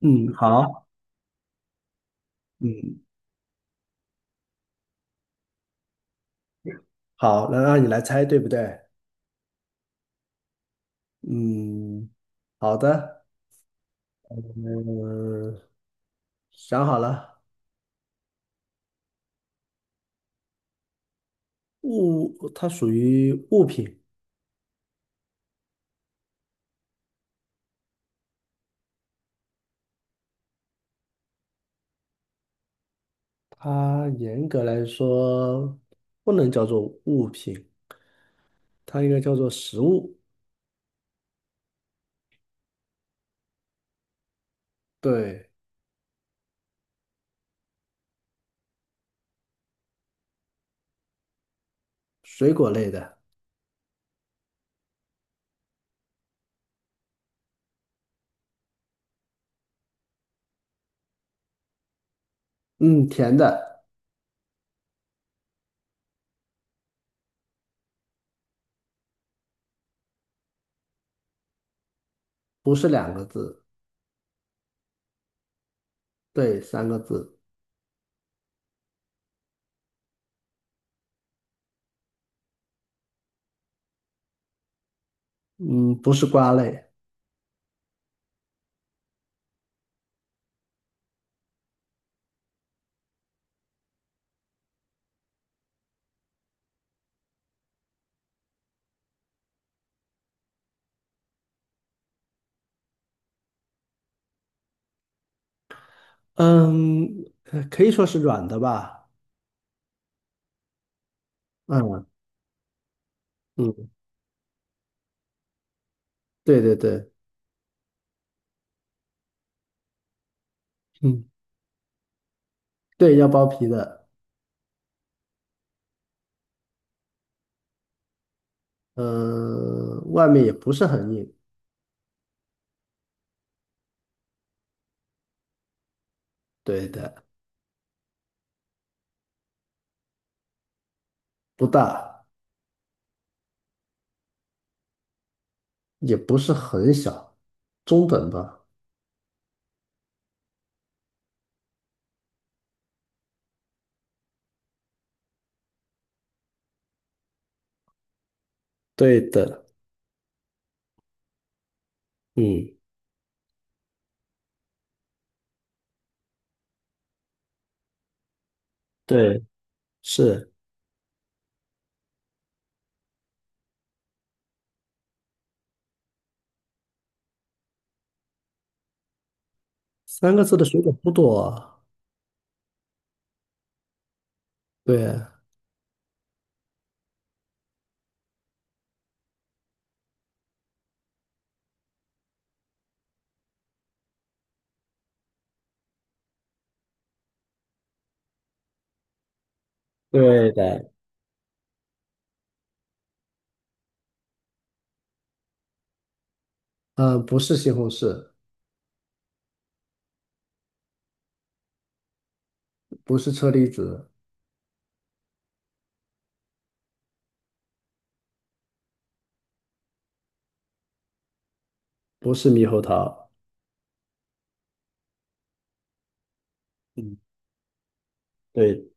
嗯，好。嗯，好，那让你来猜，对不对？嗯，好的。嗯，想好了。物，它属于物品。它严格来说不能叫做物品，它应该叫做食物。对，水果类的。嗯，甜的。不是两个字。对，三个字。嗯，不是瓜类。嗯，可以说是软的吧。嗯嗯，对对对，嗯。对，要剥皮的。嗯、外面也不是很硬。对的。不大。也不是很小，中等吧。对的。嗯，对，是三个字的水果不多啊。对，对的。嗯、不是西红柿。不是车厘子。不是猕猴桃。嗯，对。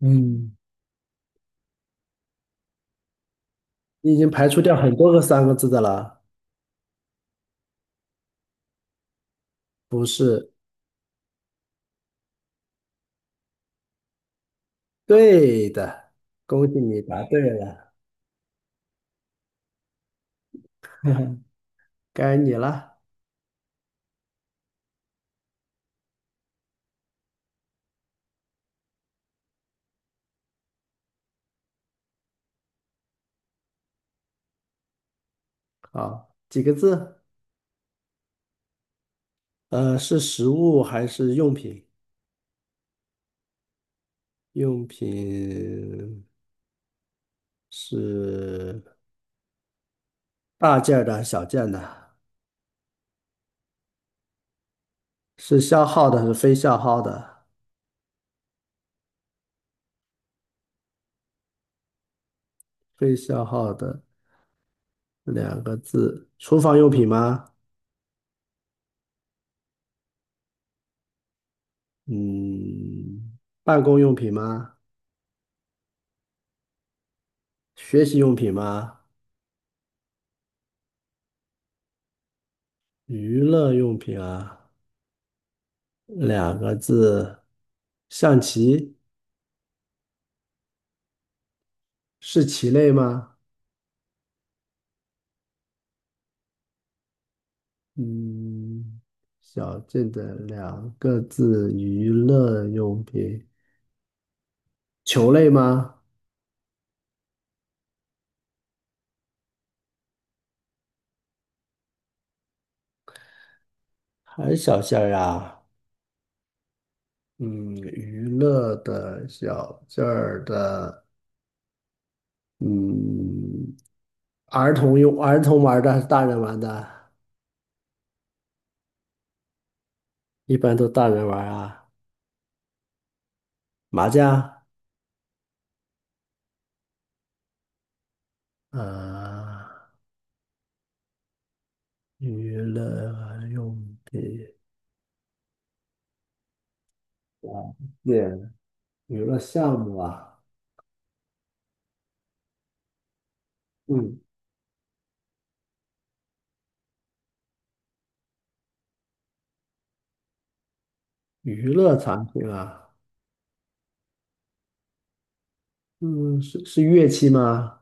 嗯，你已经排除掉很多个三个字的了。不是。对的，恭喜你答对了。该你了。啊，几个字？是食物还是用品？用品，是大件儿的还是小件的？是消耗的还是非消耗的？非消耗的，两个字。厨房用品吗？嗯，办公用品吗？学习用品吗？娱乐用品啊。两个字。象棋。是棋类吗？嗯，小件的两个字，娱乐用品。球类吗？还是小件儿啊？嗯，娱乐的小件儿的。嗯，儿童用玩儿的还是大人玩的？一般都大人玩儿啊。麻将。啊，娱乐用品啊，对，娱乐项目啊。嗯，娱乐产品啊。嗯，是乐器吗？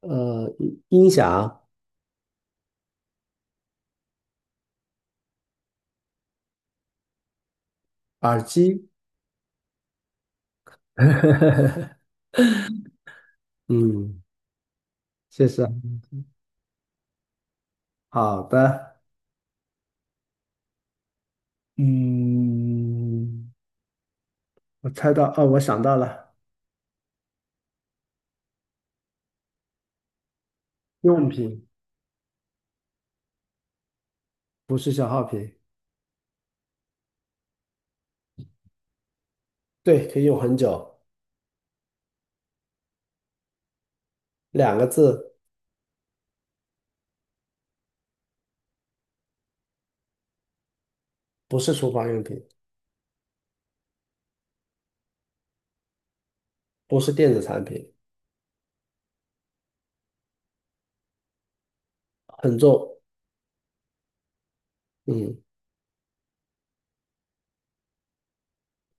呃，音响、耳机。嗯，谢谢。好的。嗯，我猜到，哦，我想到了。用品。不是消耗品。对，可以用很久。两个字。不是厨房用品。不是电子产品。很重。嗯，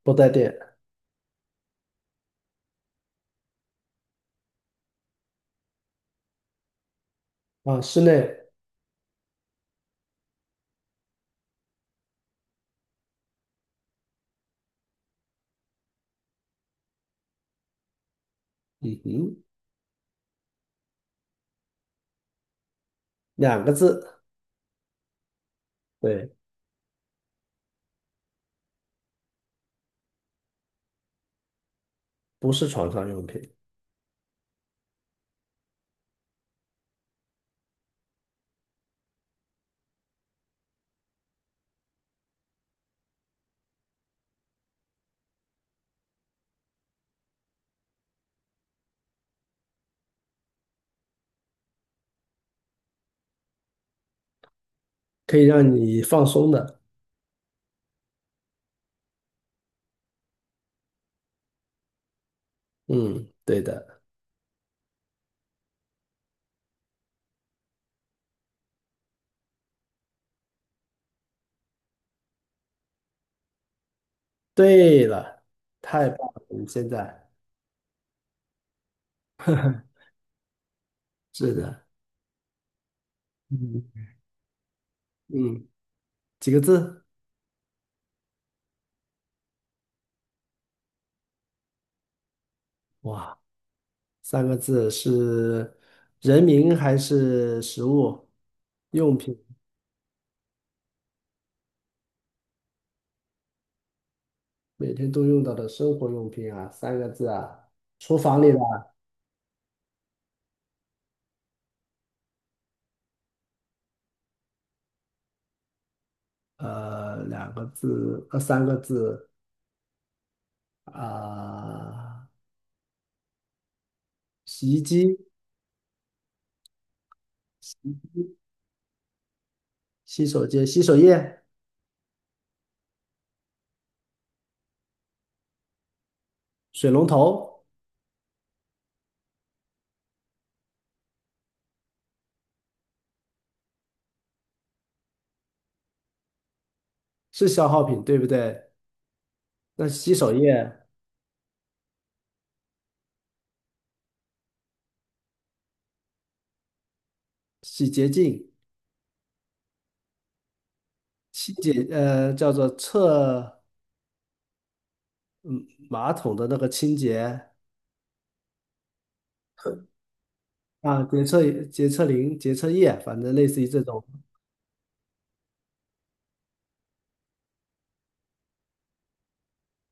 不带电啊。室内。嗯哼。两个字。对。不是床上用品。可以让你放松的。嗯，对的。对了，太棒了，你现在。是的。嗯嗯，几个字？哇，三个字。是人名还是食物？用品。每天都用到的生活用品啊，三个字啊，厨房里的。两个字，三个字啊，洗衣机、洗手间、洗手液、水龙头。是消耗品，对不对？那洗手液、洗洁精、清洁，叫做厕的那个清洁。啊，洁厕灵、洁厕液，反正类似于这种。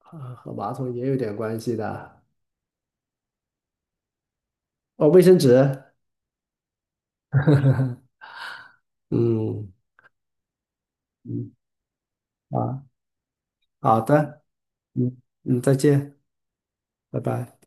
啊，和马桶也有点关系的。哦，卫生纸。嗯嗯，啊，好的。嗯嗯，再见。拜拜。